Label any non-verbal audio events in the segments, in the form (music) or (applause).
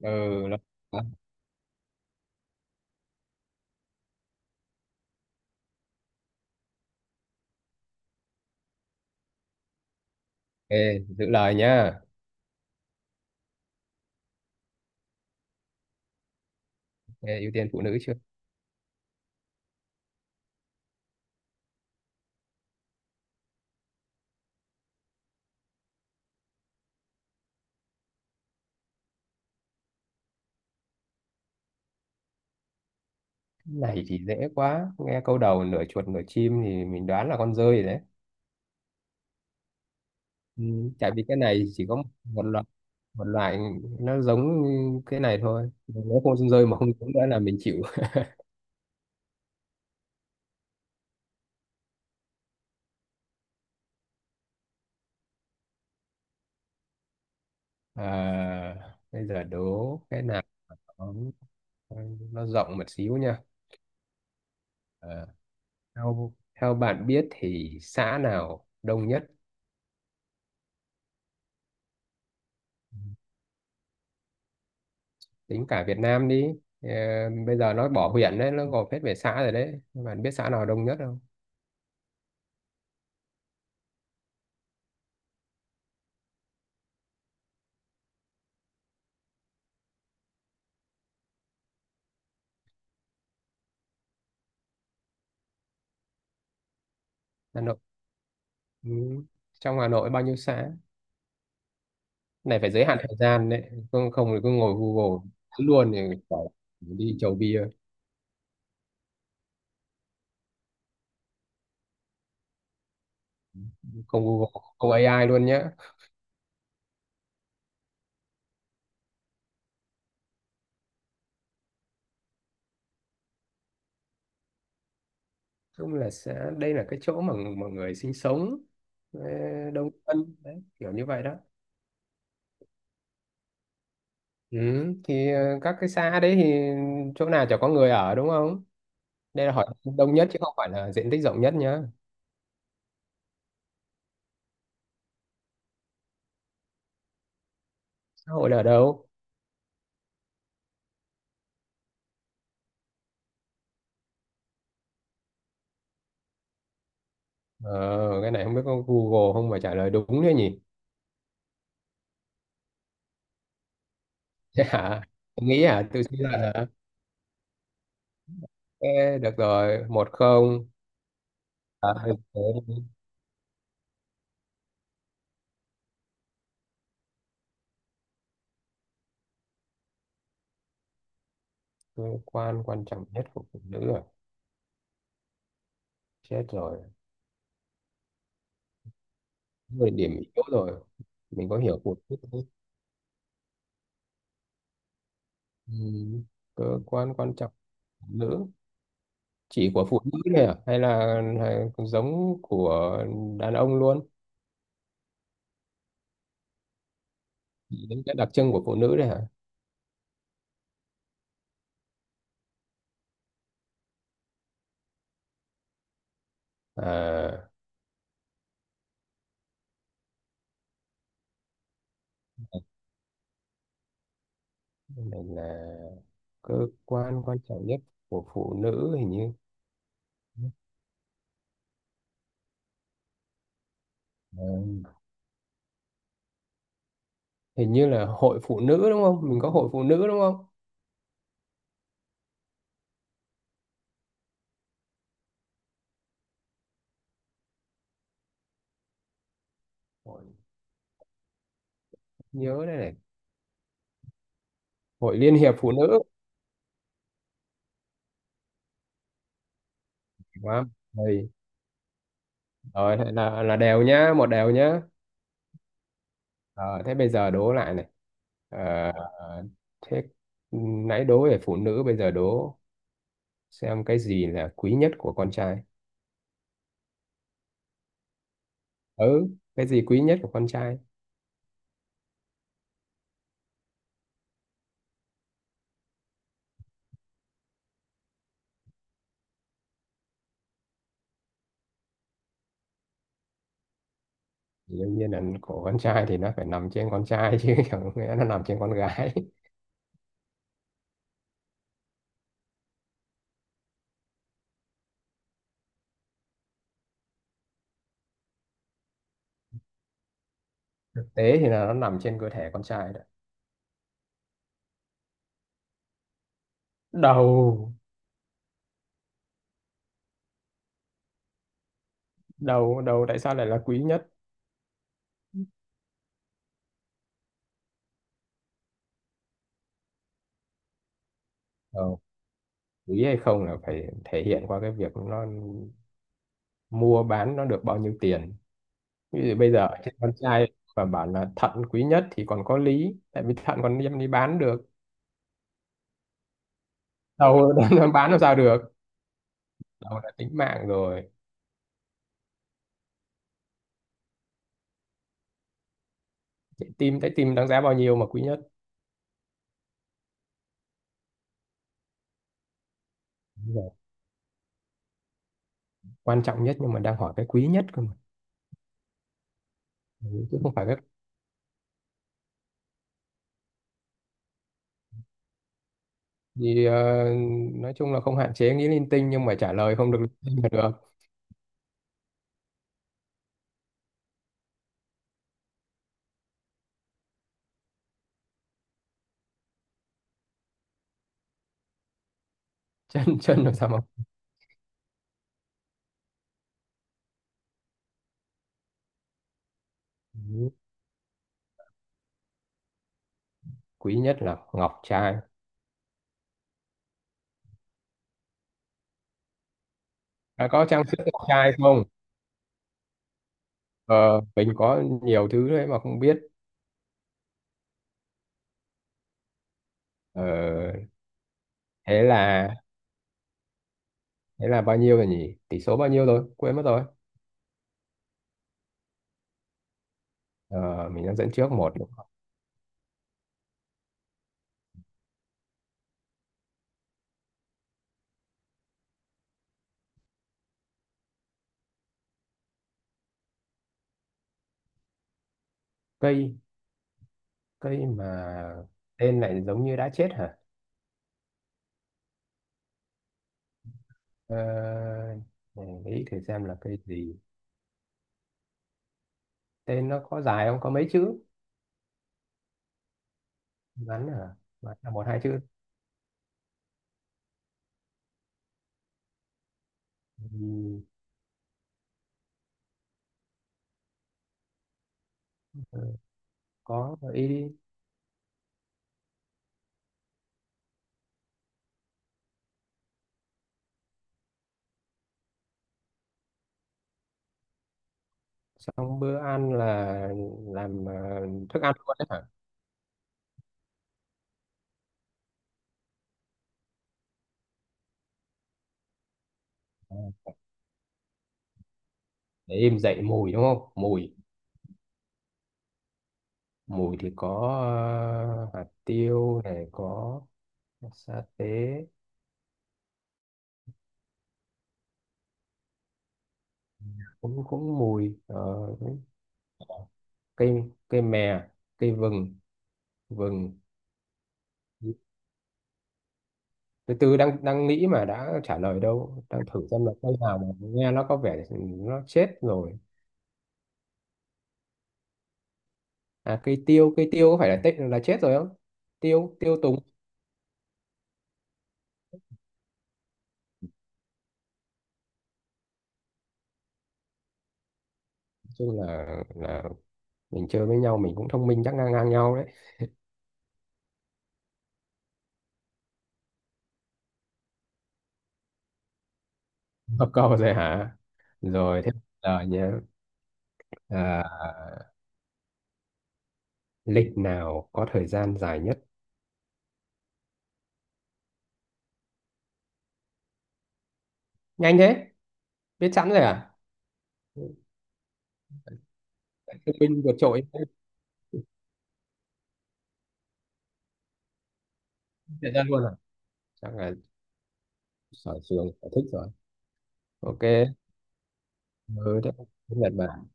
Ừ, lo- ok. Giữ lời nhá. Nghe ưu tiên phụ nữ chưa? Cái này thì dễ quá, nghe câu đầu nửa chuột nửa chim thì mình đoán là con dơi rồi đấy. Ừ, tại vì cái này chỉ có một loại, một loại nó giống cái này thôi, nếu không con rơi mà không giống nữa là mình chịu. (laughs) à, Bây giờ đố cái nào nó nó rộng một xíu nha. à, theo theo bạn biết thì xã nào đông nhất? Tính cả Việt Nam đi. Ờ, Bây giờ nó bỏ huyện đấy, nó gộp hết về xã rồi đấy, nhưng mà biết xã nào đông nhất không? Hà Nội. Ừ, trong Hà Nội bao nhiêu xã? Này phải giới hạn thời gian đấy, không không thì cứ ngồi Google thấy luôn thì phải đi chầu bia. Không Google, không AI luôn nhá. Chung là xã đây là cái chỗ mà mọi người sinh sống, ờ, đông dân đấy, kiểu như vậy đó. Ừ, các cái xã đấy thì chỗ nào chả có người ở đúng không? Đây là hỏi đông nhất chứ không phải là diện tích rộng nhất nhá. Xã hội là ở đâu? Ờ, cái này không biết có Google không mà trả lời đúng thế nhỉ? (laughs) Thế hả? Tôi nghĩ hả? Tôi suy luận hả? Ê, được rồi, một không. À, thế đi. Cơ quan quan trọng nhất của phụ nữ rồi. Chết rồi. Người điểm yếu rồi. Mình có hiểu một chút không? Ừ. Cơ quan quan trọng của phụ nữ. Chỉ của phụ nữ này à? Hay là, hay giống của đàn ông luôn? Chỉ những cái đặc trưng của phụ nữ này hả? À, cái này là cơ quan quan trọng nhất của phụ nữ, hình như. Ừ, hình như là hội phụ nữ đúng không, mình có hội phụ nữ đúng không? Hội, nhớ đây này, hội liên hiệp phụ nữ. Đúng không? Rồi, rồi thế là đều nhá, một đều nhá. Ờ, thế bây giờ đố lại này. Ờ, thế nãy đố về phụ nữ, bây giờ đố xem cái gì là quý nhất của con trai. Ừ, cái gì quý nhất của con trai? Thì đương nhiên là của con trai thì nó phải nằm trên con trai chứ, (laughs) chẳng nghĩa nó nằm trên con gái. Thực tế thì là nó nằm trên cơ thể con trai đấy. Đầu. Đầu tại sao lại là quý nhất? Ờ, quý hay không là phải thể hiện qua cái việc nó mua bán nó được bao nhiêu tiền. Ví dụ bây giờ trên con trai và bảo là thận quý nhất thì còn có lý, tại vì thận còn đem đi bán được, đâu (laughs) nó bán làm sao được. Đâu là tính mạng rồi. Trái tim. Trái tim đáng giá bao nhiêu mà quý nhất? Quan trọng nhất nhưng mà đang hỏi cái quý nhất cơ mà. Ừ, chứ không phải cái gì. Ờ, nói chung là không hạn chế nghĩ linh tinh, nhưng mà trả lời không được linh tinh là được. Chân chân làm sao mà. Ừ. Quý nhất là ngọc trai. À, có trang sức ngọc trai không? Ờ, mình có nhiều thứ đấy mà không biết. ờ, Thế là, thế là bao nhiêu rồi nhỉ, tỷ số bao nhiêu rồi quên mất rồi. Ờ, mình đang dẫn trước một đúng không? Cây Cây mà tên lại giống như đã chết hả? Ờ, để nghĩ thử xem là cây gì. Tên nó có dài không, có mấy chữ? Ngắn hả? Ngắn là một hai chữ. Ừ, có, gợi ý đi. Xong bữa ăn là làm thức ăn luôn đấy hả? Ờ, để em dậy mùi đúng không, mùi. Mùi thì có ờ, hạt tiêu này, có sa tế, cũng cũng mùi. Ờ, cây cây mè, cây vừng. Vừng. Từ từ, đang đang nghĩ mà đã trả lời đâu, đang thử xem là cây nào mà nghe nó có vẻ nó chết rồi. À, cây tiêu, cây tiêu, có phải là tết là chết rồi không? Tiêu, tiêu tùng. Nói chung là mình chơi với nhau mình cũng thông minh chắc ngang ngang nhau đấy. (laughs) Có câu rồi hả? Rồi thế giờ nhé. À, lịch nào có thời gian dài nhất? Nhanh thế, biết sẵn rồi à? Thông minh vượt trội. Thời gian luôn à? Chắc là sở trường sở thích rồi. Ok. Ừ, thế Nhật Bản.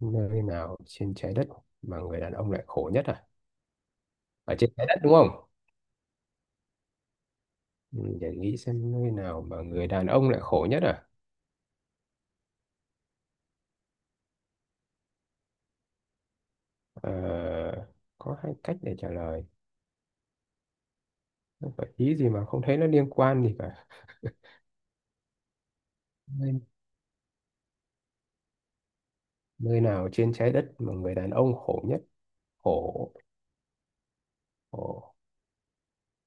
Nơi nào trên trái đất mà người đàn ông lại khổ nhất à? Ở trên trái đất đúng không? Ừ, để nghĩ xem nơi nào mà người đàn ông lại khổ nhất à. Ờ, có hai cách để trả lời. Không phải ý gì mà không thấy nó liên quan gì cả. Nơi, nơi nào trên trái đất mà người đàn ông khổ nhất? Khổ, khổ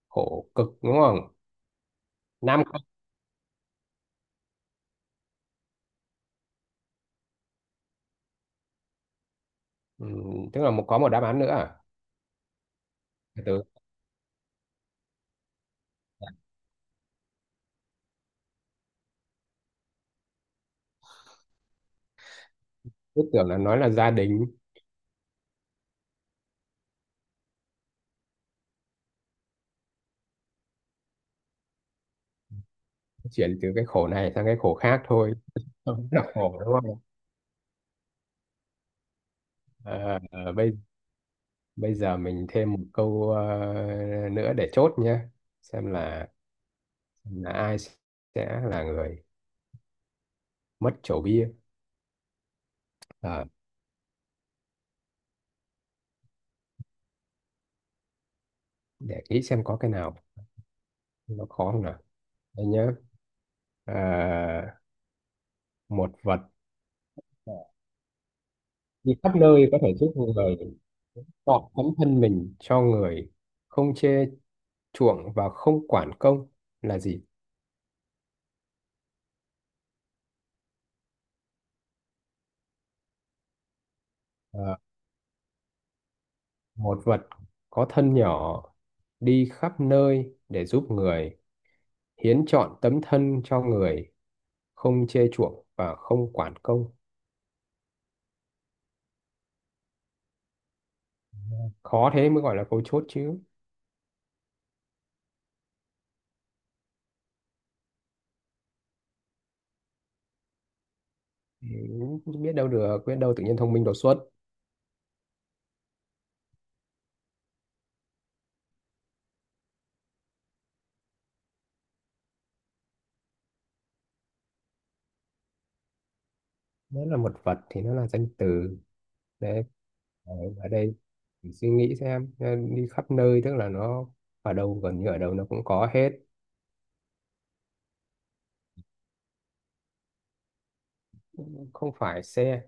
khổ cực đúng không, nam không? Ừ, tức là một có một đáp án nữa à? Từ. Cứ tưởng là nói là gia đình. Chuyển từ cái khổ này sang cái khổ khác thôi. Không là khổ đúng không? À, à, bây bây giờ mình thêm một câu nữa để chốt nhé, xem là ai sẽ là người mất chỗ bia. Ờ, để nghĩ xem có cái nào nó khó không nào. Đây nhé. À, một vật đi khắp nơi có thể giúp người tọt tấm thân mình cho người, không chê chuộng và không quản công, là gì? Ờ, một vật có thân nhỏ, đi khắp nơi để giúp người, hiến trọn tấm thân cho người, không chê chuộng và không quản công. Khó thế mới gọi là câu chốt chứ. Ừ, biết đâu được, biết đâu tự nhiên thông minh đột xuất. Nó là một vật thì nó là danh từ. Đấy. Đấy, ở đây mình suy nghĩ xem, đi khắp nơi tức là nó ở đâu, gần như ở đâu nó cũng có hết. Không phải xe,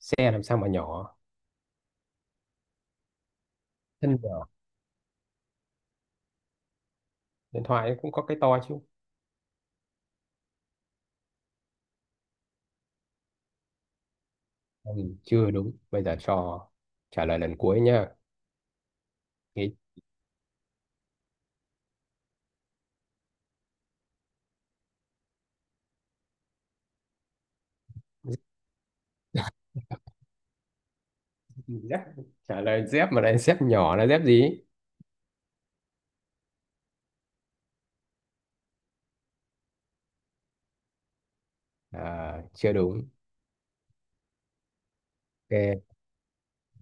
xe làm sao mà nhỏ. Thân nhỏ, điện thoại cũng có cái to chứ. Ừ, chưa đúng, bây giờ cho trả lời lần cuối nha. Nghĩ. Dép. Trả lời dép mà lại dép nhỏ là dép gì? À, chưa đúng. Ok.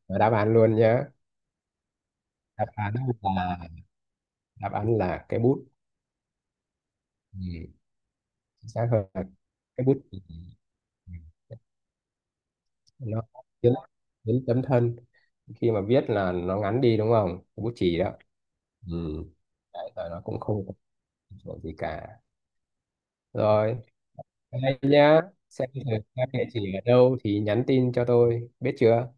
Và đáp án luôn nhá. Đáp án là, đáp án là cái bút. Ừ. Chính xác hơn là cái bút. Ừ, nó biến, tấm thân khi mà viết là nó ngắn đi đúng không, bút chì đó. Ừ. Đấy, rồi nó cũng không có chuyện gì cả. Rồi. Đây nhá, xem thử các địa chỉ ở đâu thì nhắn tin cho tôi biết chưa.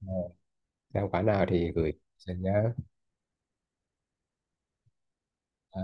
Rồi, xem quán nào thì gửi cho nhá. Ờ,